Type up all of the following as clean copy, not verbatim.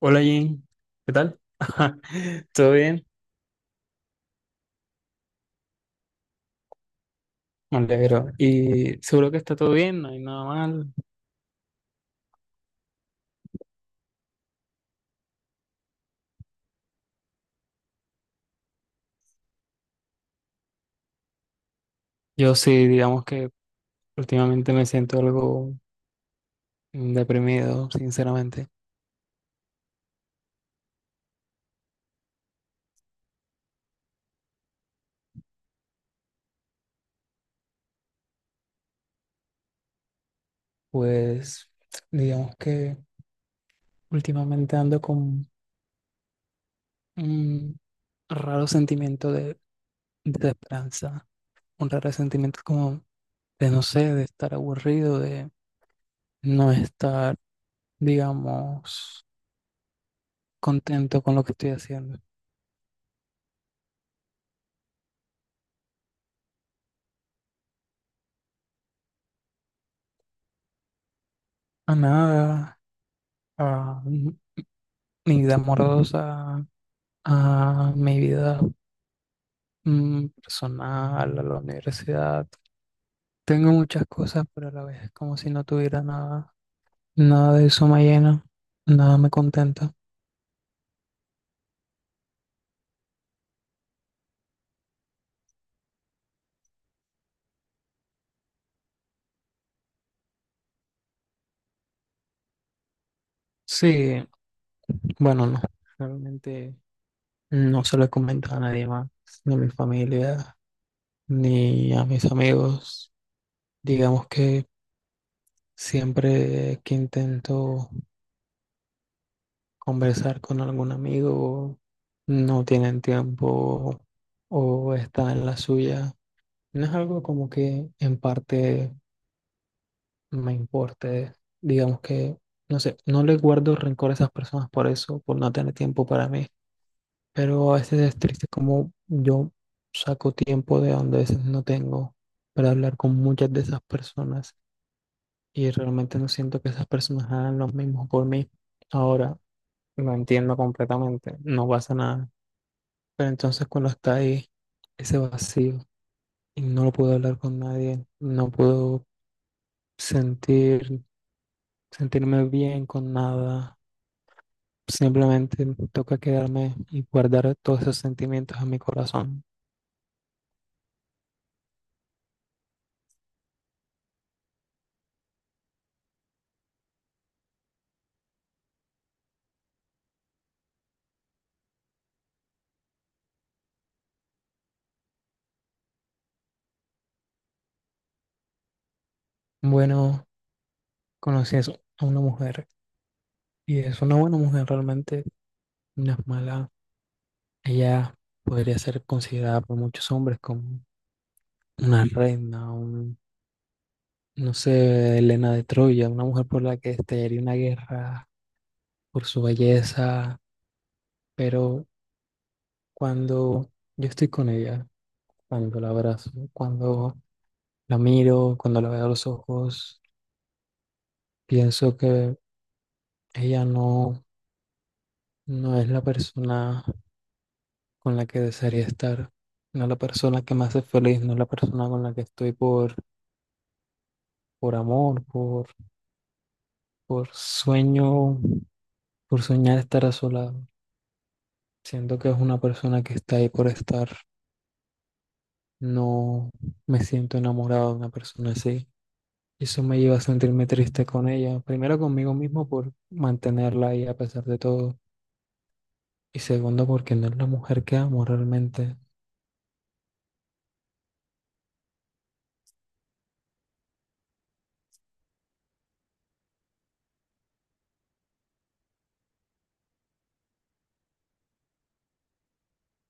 Hola Jane, ¿qué tal? ¿Todo bien? Me alegro. Y seguro que está todo bien, no hay nada mal. Yo sí, digamos que últimamente me siento algo deprimido, sinceramente. Pues digamos que últimamente ando con un raro sentimiento de desesperanza, un raro sentimiento como de no sé, de estar aburrido, de no estar, digamos, contento con lo que estoy haciendo. A nada, a mi vida amorosa, a mi vida personal, a la universidad. Tengo muchas cosas, pero a la vez es como si no tuviera nada. Nada de eso me llena, nada me contenta. Sí, bueno, no, realmente no se lo he comentado a nadie más, ni a mi familia, ni a mis amigos. Digamos que siempre que intento conversar con algún amigo, no tienen tiempo o están en la suya. No es algo como que en parte me importe, digamos que, no sé, no le guardo rencor a esas personas por eso, por no tener tiempo para mí, pero a veces es triste como yo saco tiempo de donde a veces no tengo para hablar con muchas de esas personas y realmente no siento que esas personas hagan lo mismo por mí. Ahora, lo entiendo completamente, no pasa nada. Pero entonces cuando está ahí, ese vacío, y no lo puedo hablar con nadie, no puedo sentir, sentirme bien con nada, simplemente me toca quedarme y guardar todos esos sentimientos en mi corazón. Bueno, conocí a a una mujer y es una buena mujer realmente, no es mala. Ella podría ser considerada por muchos hombres como una reina, un, no sé, Helena de Troya, una mujer por la que estallaría una guerra por su belleza. Pero cuando yo estoy con ella, cuando la abrazo, cuando la miro, cuando la veo a los ojos, pienso que ella no, no es la persona con la que desearía estar, no es la persona que me hace feliz, no es la persona con la que estoy por amor, por sueño, por soñar estar a su lado. Siento que es una persona que está ahí por estar. No me siento enamorado de una persona así. Eso me lleva a sentirme triste con ella. Primero conmigo mismo por mantenerla ahí a pesar de todo. Y segundo porque no es la mujer que amo realmente.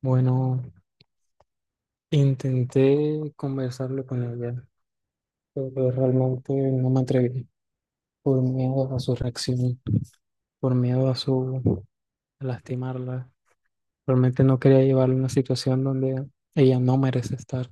Bueno, intenté conversarlo con ella, pero realmente no me atreví por miedo a su reacción, por miedo a su a lastimarla. Realmente no quería llevarla a una situación donde ella no merece estar.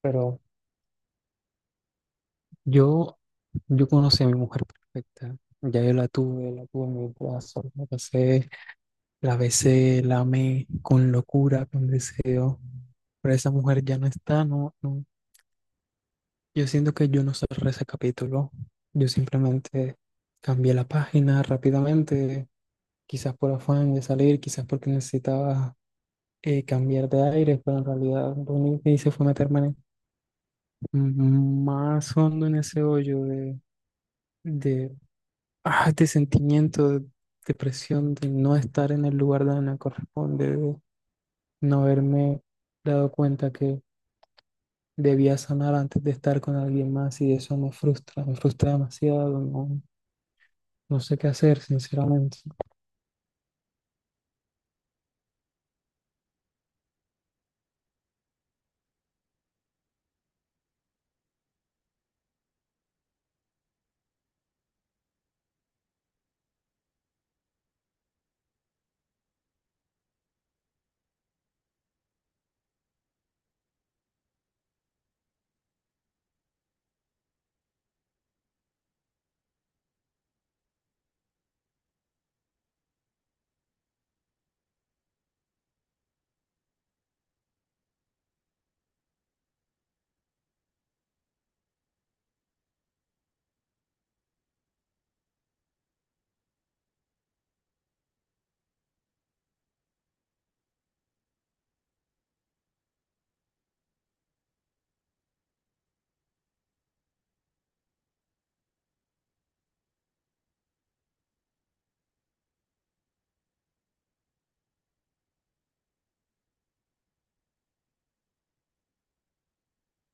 Pero yo, yo conocí a mi mujer perfecta. Ya yo la tuve en mi brazo, la pasé. La besé, la amé con locura, con deseo. Pero esa mujer ya no está, no, no. Yo siento que yo no cerré ese capítulo. Yo simplemente cambié la página rápidamente, quizás por afán de salir, quizás porque necesitaba cambiar de aire, pero en realidad lo único que hice fue meterme más hondo en ese hoyo de, de sentimiento, de depresión, de no estar en el lugar donde me corresponde, no haberme dado cuenta que debía sanar antes de estar con alguien más y eso me frustra demasiado, no, no sé qué hacer, sinceramente.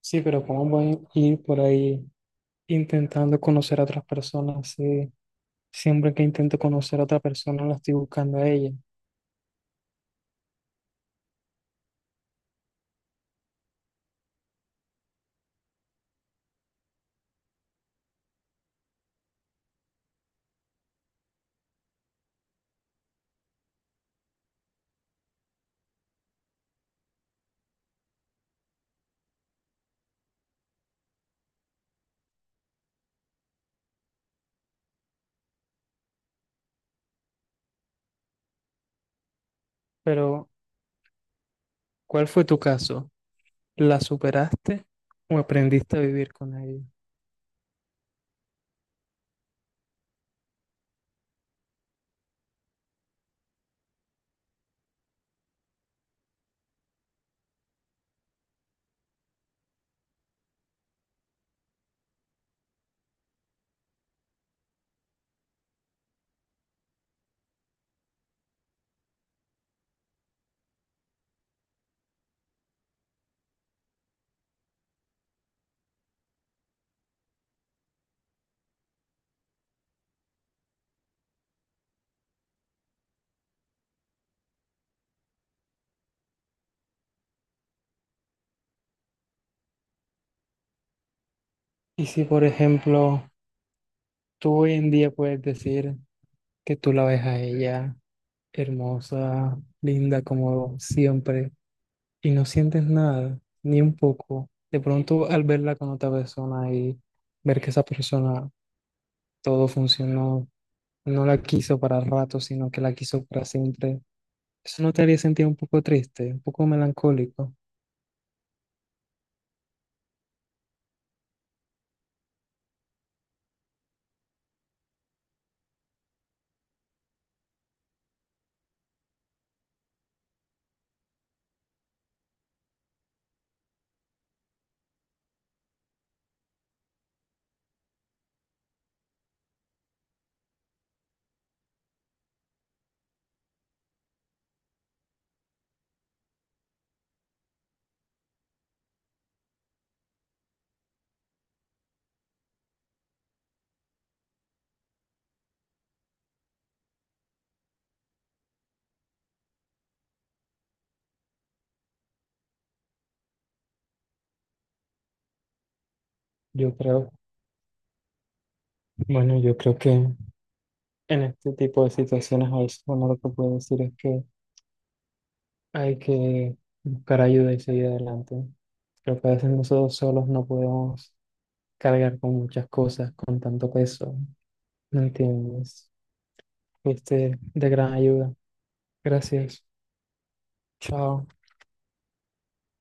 Sí, pero ¿cómo voy a ir por ahí intentando conocer a otras personas? Sí, siempre que intento conocer a otra persona la estoy buscando a ella. Pero, ¿cuál fue tu caso? ¿La superaste o aprendiste a vivir con ella? Y si, por ejemplo, tú hoy en día puedes decir que tú la ves a ella hermosa, linda como siempre, y no sientes nada, ni un poco. De pronto al verla con otra persona y ver que esa persona todo funcionó, no la quiso para rato, sino que la quiso para siempre, eso no te haría sentir un poco triste, un poco melancólico. Yo creo, bueno, yo creo que en este tipo de situaciones a veces uno lo que puede decir es que hay que buscar ayuda y seguir adelante. Creo que a veces nosotros solos no podemos cargar con muchas cosas, con tanto peso. ¿Me entiendes? Fuiste de gran ayuda. Gracias. Chao.